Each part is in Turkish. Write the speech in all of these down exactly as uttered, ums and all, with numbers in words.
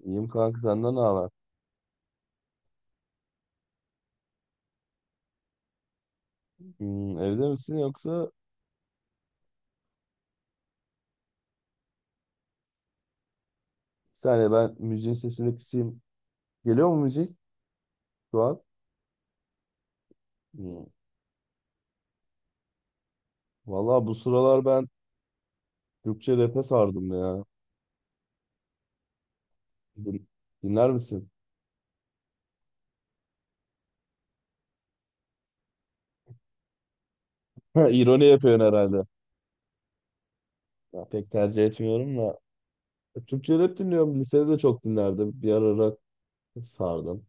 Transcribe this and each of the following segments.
İyiyim kanka, senden ne haber? Hmm, evde misin yoksa bir saniye ben müziğin sesini kısayım. Geliyor mu müzik şu an? Hmm. Valla bu sıralar ben Türkçe rap'e sardım ya. Din- Dinler misin? Ha, İroni yapıyorsun herhalde. Ya, pek tercih etmiyorum da. E, Türkçe rap dinliyorum. Lisede de çok dinlerdim. Bir ara rock sardım.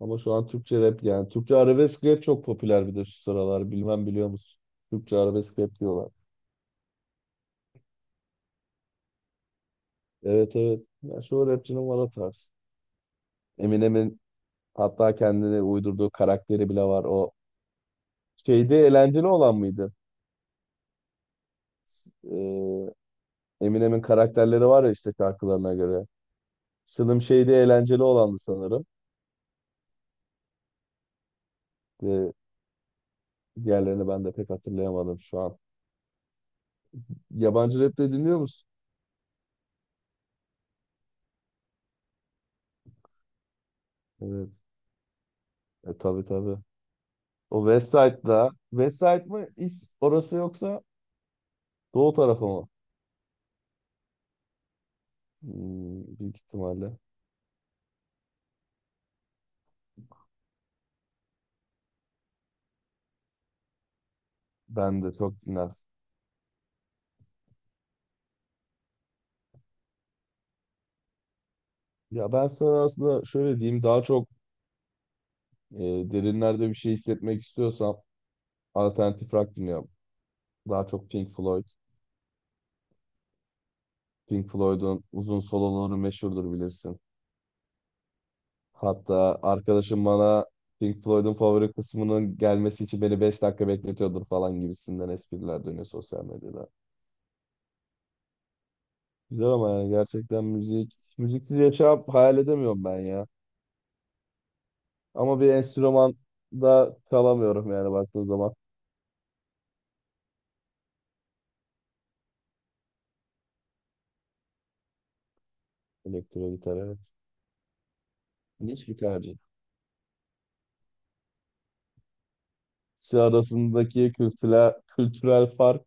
Ama şu an Türkçe rap yani. Türkçe arabesk rap çok popüler bir de şu sıralar. Bilmem, biliyor musun? Türkçe arabesk rap diyorlar. Evet, evet. Ya şu rapçinin var, o tarz. Eminem'in, hatta kendine uydurduğu karakteri bile var. O şeyde eğlenceli olan mıydı? Ee, Eminem'in karakterleri var ya işte şarkılarına göre. Slim şeyde eğlenceli olandı sanırım. Ve diğerlerini ben de pek hatırlayamadım şu an. Yabancı rap de dinliyor musun? Evet. E, tabii, tabii. O West Side'da. West mı? İs- orası, yoksa doğu tarafı mı? Hmm, büyük ihtimalle. Ben de çok dinler. Ya ben sana aslında şöyle diyeyim. Daha çok e, derinlerde bir şey hissetmek istiyorsam alternatif rock dinliyorum. Daha çok Pink Floyd. Pink Floyd'un uzun soloları meşhurdur, bilirsin. Hatta arkadaşım bana Pink Floyd'un favori kısmının gelmesi için beni beş dakika bekletiyordur falan gibisinden espriler dönüyor sosyal medyada. Güzel, ama yani gerçekten müzik, müziksiz yaşam hayal edemiyorum ben ya. Ama bir enstrüman da kalamıyorum yani baktığın zaman. Elektro gitar, evet. İlginç bir tercih. İkisi arasındaki kültürel, kültürel fark.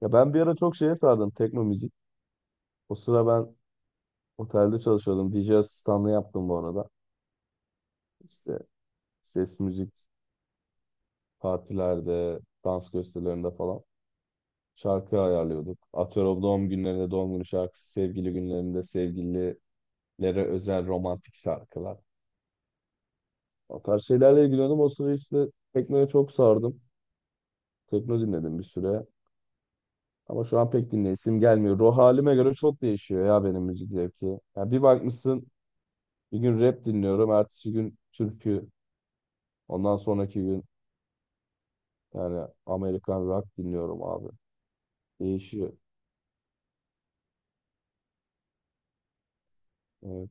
Ya ben bir ara çok şeye sardım, tekno müzik. O sıra ben otelde çalışıyordum. D J asistanlığı yaptım bu arada. İşte ses, müzik, partilerde, dans gösterilerinde falan şarkı ayarlıyorduk. Atıyorum, doğum günlerinde doğum günü şarkısı, sevgili günlerinde sevgililere özel romantik şarkılar. O tarz şeylerle ilgileniyordum. O sıra işte teknoya çok sardım. Tekno dinledim bir süre. Ama şu an pek dinleyesim gelmiyor. Ruh halime göre çok değişiyor ya benim müzik zevki. Ya bir bakmışsın bir gün rap dinliyorum. Ertesi gün türkü. Ondan sonraki gün yani Amerikan rock dinliyorum abi. Değişiyor. Evet.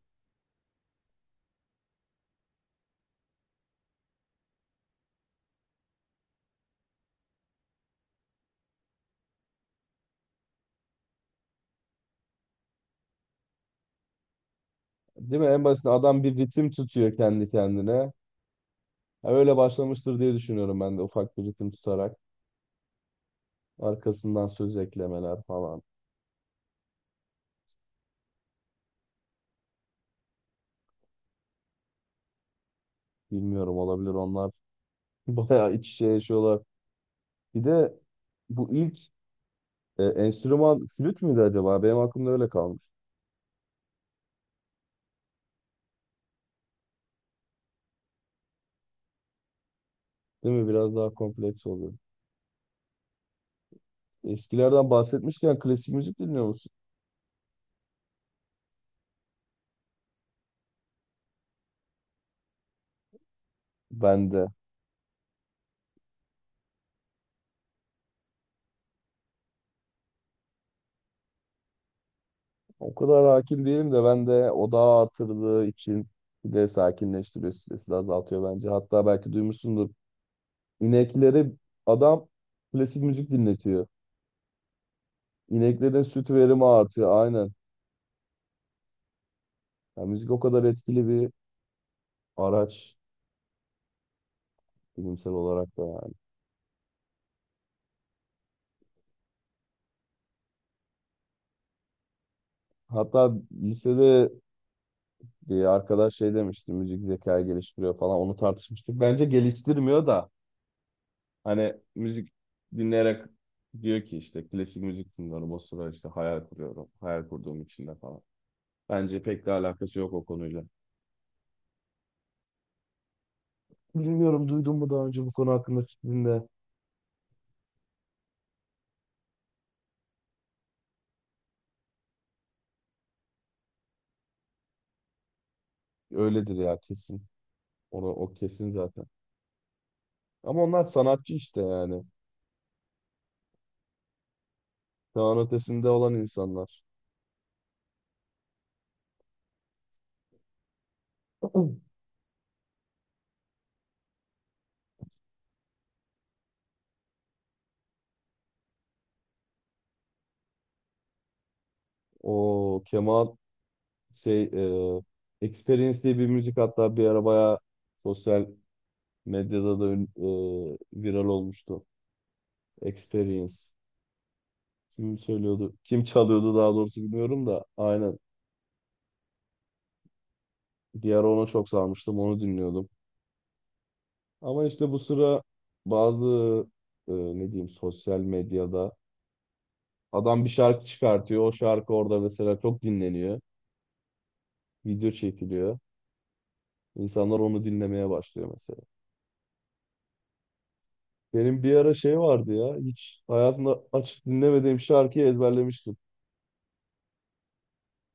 Değil mi? En basit adam bir ritim tutuyor kendi kendine. Ha, Öyle başlamıştır diye düşünüyorum ben de, ufak bir ritim tutarak. Arkasından söz eklemeler falan. Bilmiyorum, olabilir onlar. Bayağı iç içe yaşıyorlar. Bir de bu ilk e, enstrüman flüt müydü acaba? Benim aklımda öyle kalmış. Değil mi? Biraz daha kompleks oluyor. Eskilerden bahsetmişken klasik müzik dinliyor musun? Ben de. O kadar hakim değilim de, ben de odağı artırdığı için, bir de sakinleştiriyor, stresi de azaltıyor bence. Hatta belki duymuşsundur. İnekleri adam klasik müzik dinletiyor. İneklerin süt verimi artıyor aynen. Yani müzik o kadar etkili bir araç, bilimsel olarak da yani. Hatta lisede bir arkadaş şey demişti, müzik zekayı geliştiriyor falan, onu tartışmıştık. Bence geliştirmiyor da, hani müzik dinleyerek diyor ki işte klasik müzik dinliyorum. O sıra işte hayal kuruyorum. Hayal kurduğum içinde falan. Bence pek de alakası yok o konuyla. Bilmiyorum, duydun mu daha önce bu konu hakkında fikrinde. Öyledir ya, kesin. Onu, o kesin zaten. Ama onlar sanatçı işte yani. Çağın ötesinde olan insanlar. O Kemal şey e, Experience diye bir müzik, hatta bir ara bayağı sosyal medyada da ün- e, viral olmuştu. Experience. Kim söylüyordu? Kim çalıyordu daha doğrusu bilmiyorum da. Aynen. Bir ara ona çok sarmıştım. Onu dinliyordum. Ama işte bu sıra bazı e, ne diyeyim, sosyal medyada adam bir şarkı çıkartıyor. O şarkı orada mesela çok dinleniyor. Video çekiliyor. İnsanlar onu dinlemeye başlıyor mesela. Benim bir ara şey vardı ya. Hiç hayatımda açıp dinlemediğim şarkıyı ezberlemiştim.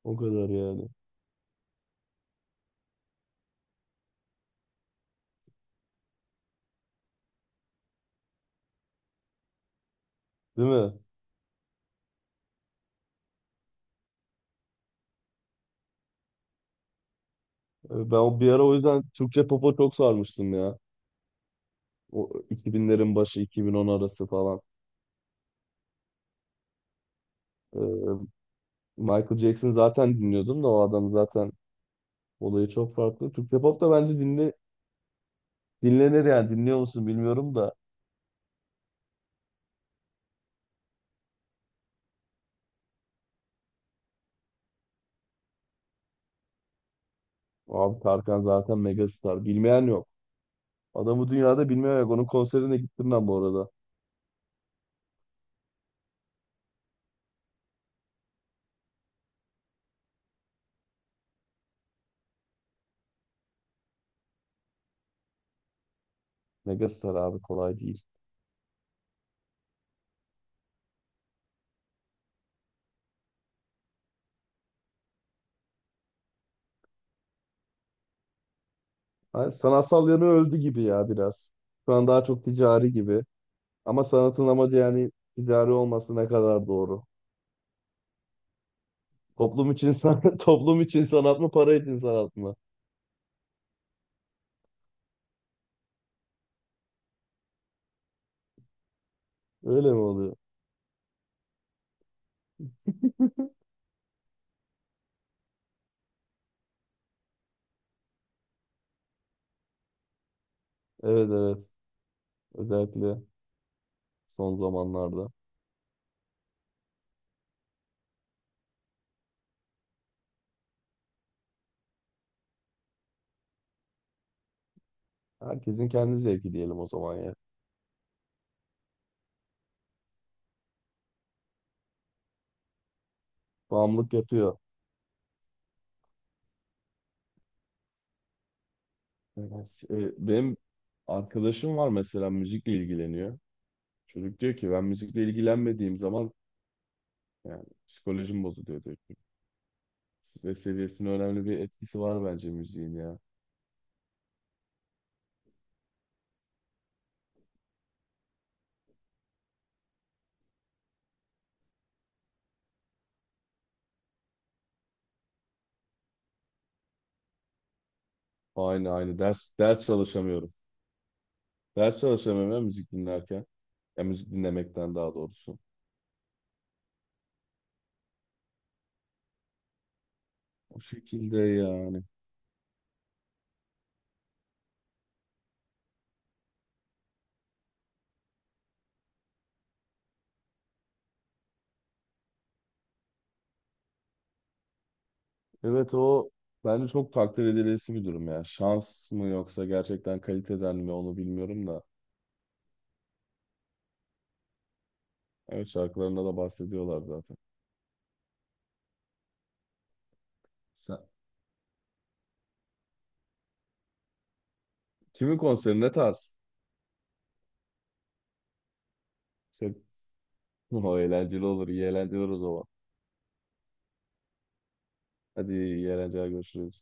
O kadar yani. Değil mi? E, Ben o- bir ara o yüzden Türkçe pop'a çok sarmıştım ya. O iki binlerin başı iki bin on arası falan. Ee, Michael Jackson zaten dinliyordum da, o adam zaten olayı çok farklı. Türkçe pop da bence dinle, dinlenir yani, dinliyor musun bilmiyorum da. Abi Tarkan zaten megastar. Bilmeyen yok. Adamı dünyada bilmeyen yok. Onun konserine gittim ben bu arada. Megastar abi, kolay değil. Hani sanatsal yanı öldü gibi ya, biraz. Şu an daha çok ticari gibi. Ama sanatın amacı yani ticari olması ne kadar doğru. Toplum için san toplum için sanat mı, para için sanat mı? Öyle mi oluyor? Evet, evet. Özellikle son zamanlarda. Herkesin kendi zevki diyelim o zaman ya. Bağımlılık yapıyor. Evet. Ee, benim arkadaşım var mesela, müzikle ilgileniyor. Çocuk diyor ki ben müzikle ilgilenmediğim zaman yani psikolojim bozuluyor diyor. Stres seviyesine önemli bir etkisi var bence müziğin ya. Aynı aynı ders ders çalışamıyorum. Ders çalışamıyorum ya müzik dinlerken. Ya müzik dinlemekten daha doğrusu. O şekilde yani. Evet, o bence çok takdir edilesi bir durum ya. Şans mı yoksa gerçekten kaliteden mi, onu bilmiyorum da. Evet, şarkılarında da bahsediyorlar zaten. Sen, kimin konseri, ne tarz? Şey, o eğlenceli olur. iyi eğlenceler o zaman. Hadi, iyi eğlenceler, görüşürüz.